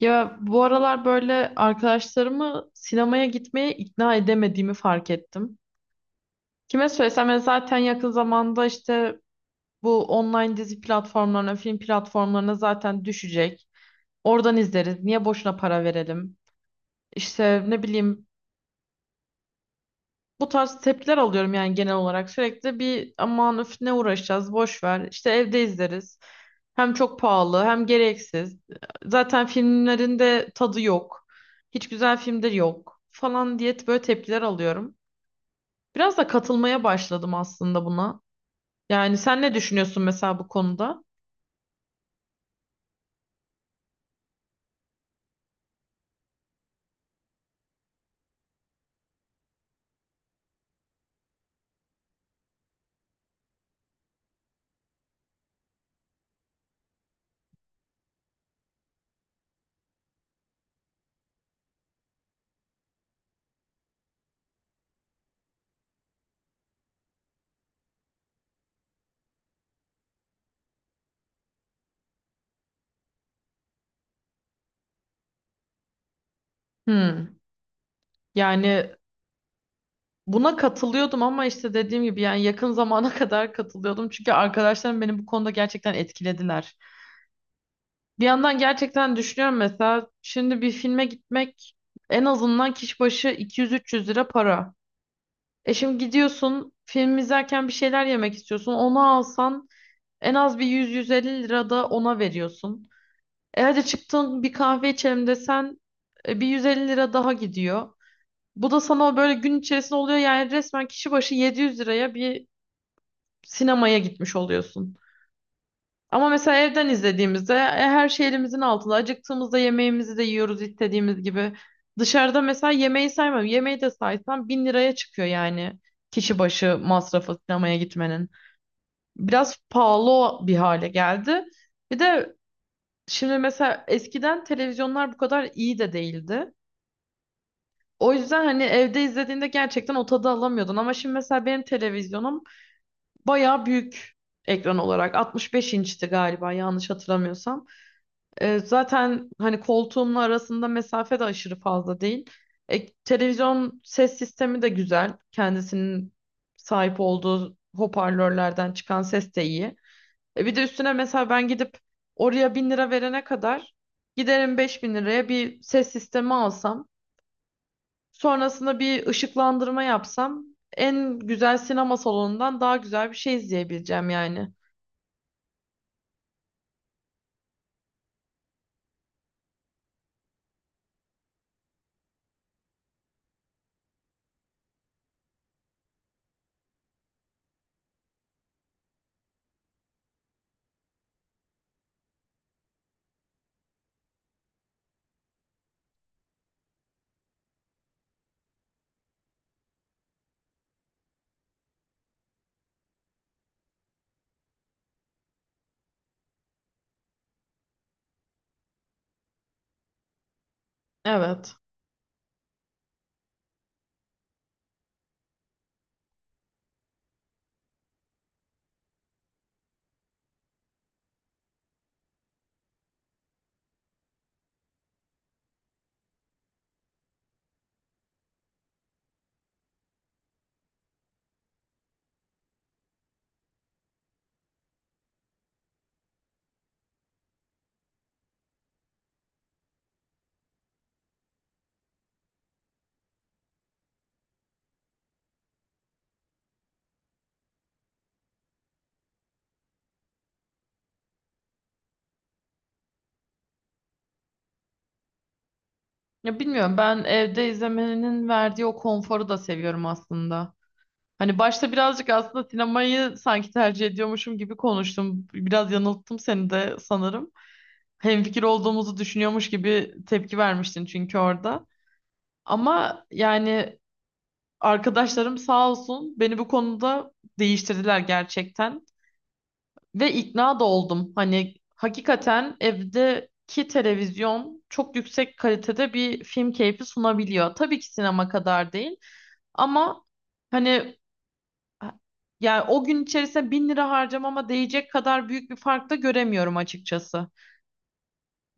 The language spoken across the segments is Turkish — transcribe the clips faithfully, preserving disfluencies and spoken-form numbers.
Ya bu aralar böyle arkadaşlarımı sinemaya gitmeye ikna edemediğimi fark ettim. Kime söylesem ben zaten yakın zamanda işte bu online dizi platformlarına, film platformlarına zaten düşecek. Oradan izleriz. Niye boşuna para verelim? İşte ne bileyim bu tarz tepkiler alıyorum yani genel olarak sürekli bir aman öf ne uğraşacağız boş ver işte evde izleriz. Hem çok pahalı hem gereksiz. Zaten filmlerin de tadı yok. Hiç güzel filmdir yok falan diye böyle tepkiler alıyorum. Biraz da katılmaya başladım aslında buna. Yani sen ne düşünüyorsun mesela bu konuda? Hmm. Yani, Buna katılıyordum ama işte dediğim gibi yani yakın zamana kadar katılıyordum. Çünkü arkadaşlarım beni bu konuda gerçekten etkilediler. Bir yandan gerçekten düşünüyorum mesela şimdi bir filme gitmek en azından kişi başı iki yüz üç yüz lira para. E şimdi gidiyorsun film izlerken bir şeyler yemek istiyorsun. Onu alsan en az bir yüz yüz elli lira da ona veriyorsun. E hadi çıktın bir kahve içelim desen e, bir yüz elli lira daha gidiyor. Bu da sana böyle gün içerisinde oluyor yani resmen kişi başı yedi yüz liraya bir sinemaya gitmiş oluyorsun. Ama mesela evden izlediğimizde e, her şey elimizin altında. Acıktığımızda yemeğimizi de yiyoruz istediğimiz gibi. Dışarıda mesela yemeği saymam. Yemeği de saysam bin liraya çıkıyor yani kişi başı masrafı sinemaya gitmenin. Biraz pahalı bir hale geldi. Bir de şimdi mesela eskiden televizyonlar bu kadar iyi de değildi. O yüzden hani evde izlediğinde gerçekten o tadı alamıyordun. Ama şimdi mesela benim televizyonum bayağı büyük, ekran olarak altmış beş inçti galiba yanlış hatırlamıyorsam. Ee, zaten hani koltuğumla arasında mesafe de aşırı fazla değil. E, televizyon ses sistemi de güzel. Kendisinin sahip olduğu hoparlörlerden çıkan ses de iyi. E, bir de üstüne mesela ben gidip oraya bin lira verene kadar giderim beş bin liraya bir ses sistemi alsam, sonrasında bir ışıklandırma yapsam en güzel sinema salonundan daha güzel bir şey izleyebileceğim yani. Evet. Ya bilmiyorum, ben evde izlemenin verdiği o konforu da seviyorum aslında. Hani başta birazcık aslında sinemayı sanki tercih ediyormuşum gibi konuştum. Biraz yanılttım seni de sanırım. Hemfikir olduğumuzu düşünüyormuş gibi tepki vermiştin çünkü orada. Ama yani arkadaşlarım sağ olsun beni bu konuda değiştirdiler gerçekten. Ve ikna da oldum. Hani hakikaten evdeki televizyon çok yüksek kalitede bir film keyfi sunabiliyor. Tabii ki sinema kadar değil ama hani yani o gün içerisinde bin lira harcamama değecek kadar büyük bir fark da göremiyorum açıkçası.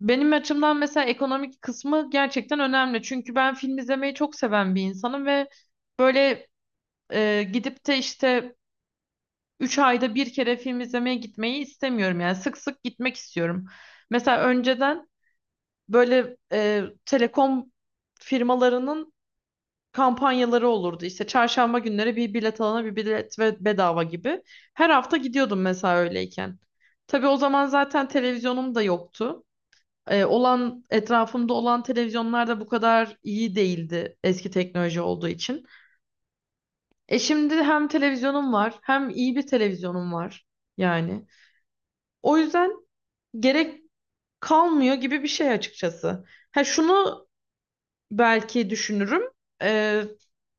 Benim açımdan mesela ekonomik kısmı gerçekten önemli. Çünkü ben film izlemeyi çok seven bir insanım ve böyle e, gidip de işte üç ayda bir kere film izlemeye gitmeyi istemiyorum. Yani sık sık gitmek istiyorum. Mesela önceden böyle e, telekom firmalarının kampanyaları olurdu. İşte çarşamba günleri bir bilet alana bir bilet ve bedava gibi. Her hafta gidiyordum mesela öyleyken. Tabii o zaman zaten televizyonum da yoktu. E, olan etrafımda olan televizyonlar da bu kadar iyi değildi eski teknoloji olduğu için. E şimdi hem televizyonum var, hem iyi bir televizyonum var yani. O yüzden gerek kalmıyor gibi bir şey açıkçası. Ha şunu belki düşünürüm. E,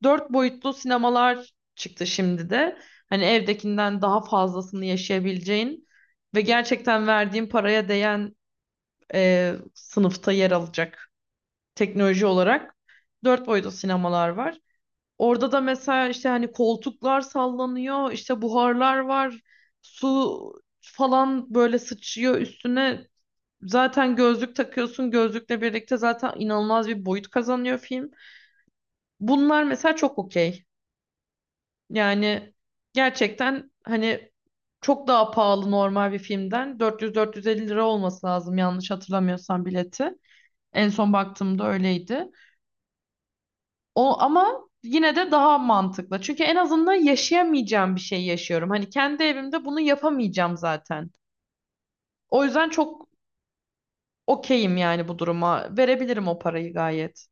dört boyutlu sinemalar çıktı şimdi de. Hani evdekinden daha fazlasını yaşayabileceğin ve gerçekten verdiğin paraya değen e, sınıfta yer alacak teknoloji olarak dört boyutlu sinemalar var. Orada da mesela işte hani koltuklar sallanıyor, işte buharlar var, su falan böyle sıçıyor üstüne. Zaten gözlük takıyorsun, gözlükle birlikte zaten inanılmaz bir boyut kazanıyor film. Bunlar mesela çok okey. Yani gerçekten hani çok daha pahalı normal bir filmden. dört yüz dört yüz elli lira olması lazım yanlış hatırlamıyorsam bileti. En son baktığımda öyleydi. O ama yine de daha mantıklı. Çünkü en azından yaşayamayacağım bir şey yaşıyorum. Hani kendi evimde bunu yapamayacağım zaten. O yüzden çok okeyim yani bu duruma. Verebilirim o parayı gayet.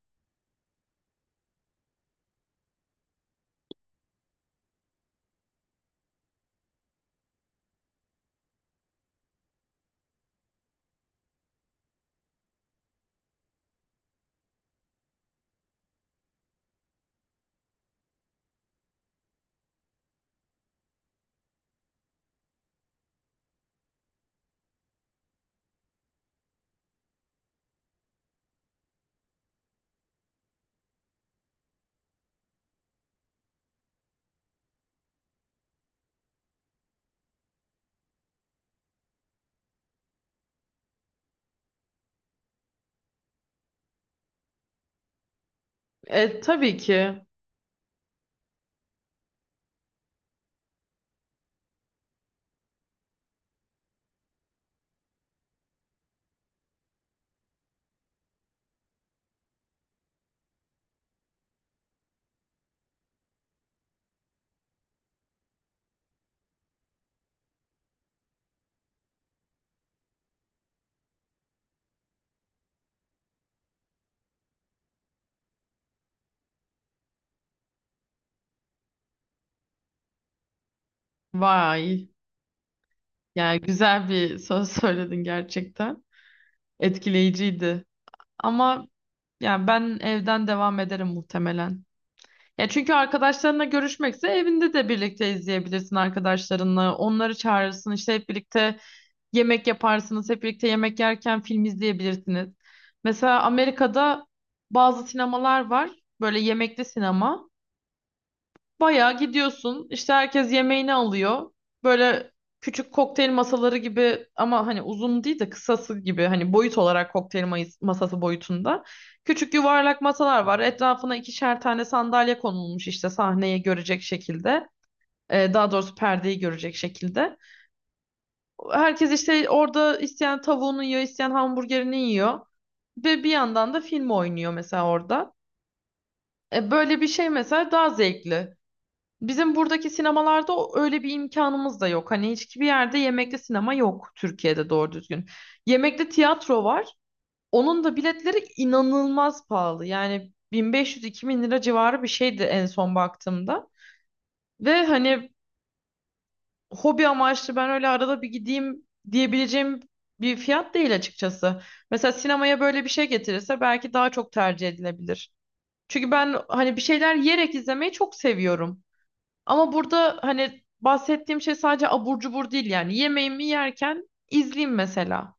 E, tabii ki. Vay. Yani güzel bir söz söyledin gerçekten. Etkileyiciydi. Ama yani ben evden devam ederim muhtemelen. Ya çünkü arkadaşlarınla görüşmekse evinde de birlikte izleyebilirsin arkadaşlarınla. Onları çağırırsın işte, hep birlikte yemek yaparsınız, hep birlikte yemek yerken film izleyebilirsiniz. Mesela Amerika'da bazı sinemalar var, böyle yemekli sinema. Bayağı gidiyorsun, işte herkes yemeğini alıyor. Böyle küçük kokteyl masaları gibi ama hani uzun değil de kısası gibi, hani boyut olarak kokteyl mayıs- masası boyutunda. Küçük yuvarlak masalar var. Etrafına ikişer tane sandalye konulmuş işte sahneyi görecek şekilde. Ee, daha doğrusu perdeyi görecek şekilde. Herkes işte orada isteyen tavuğunu yiyor, isteyen hamburgerini yiyor. Ve bir yandan da film oynuyor mesela orada. E, böyle bir şey mesela daha zevkli. Bizim buradaki sinemalarda o- öyle bir imkanımız da yok. Hani hiçbir yerde yemekli sinema yok Türkiye'de doğru düzgün. Yemekli tiyatro var. Onun da biletleri inanılmaz pahalı. Yani bin beş yüz-iki bin lira civarı bir şeydi en son baktığımda. Ve hani hobi amaçlı ben öyle arada bir gideyim diyebileceğim bir fiyat değil açıkçası. Mesela sinemaya böyle bir şey getirirse belki daha çok tercih edilebilir. Çünkü ben hani bir şeyler yiyerek izlemeyi çok seviyorum. Ama burada hani bahsettiğim şey sadece abur cubur değil yani. Yemeğimi yerken izleyeyim mesela.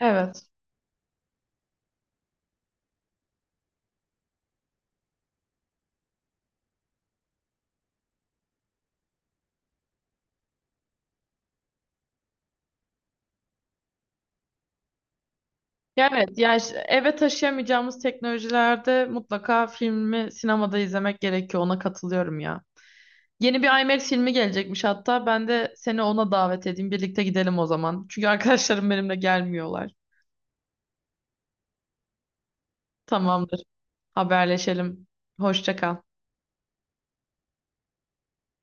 Evet. Ya evet, ya işte eve taşıyamayacağımız teknolojilerde mutlaka filmi sinemada izlemek gerekiyor. Ona katılıyorum ya. Yeni bir I M A X filmi gelecekmiş hatta. Ben de seni ona davet edeyim. Birlikte gidelim o zaman. Çünkü arkadaşlarım benimle gelmiyorlar. Tamamdır. Haberleşelim. Hoşça kal.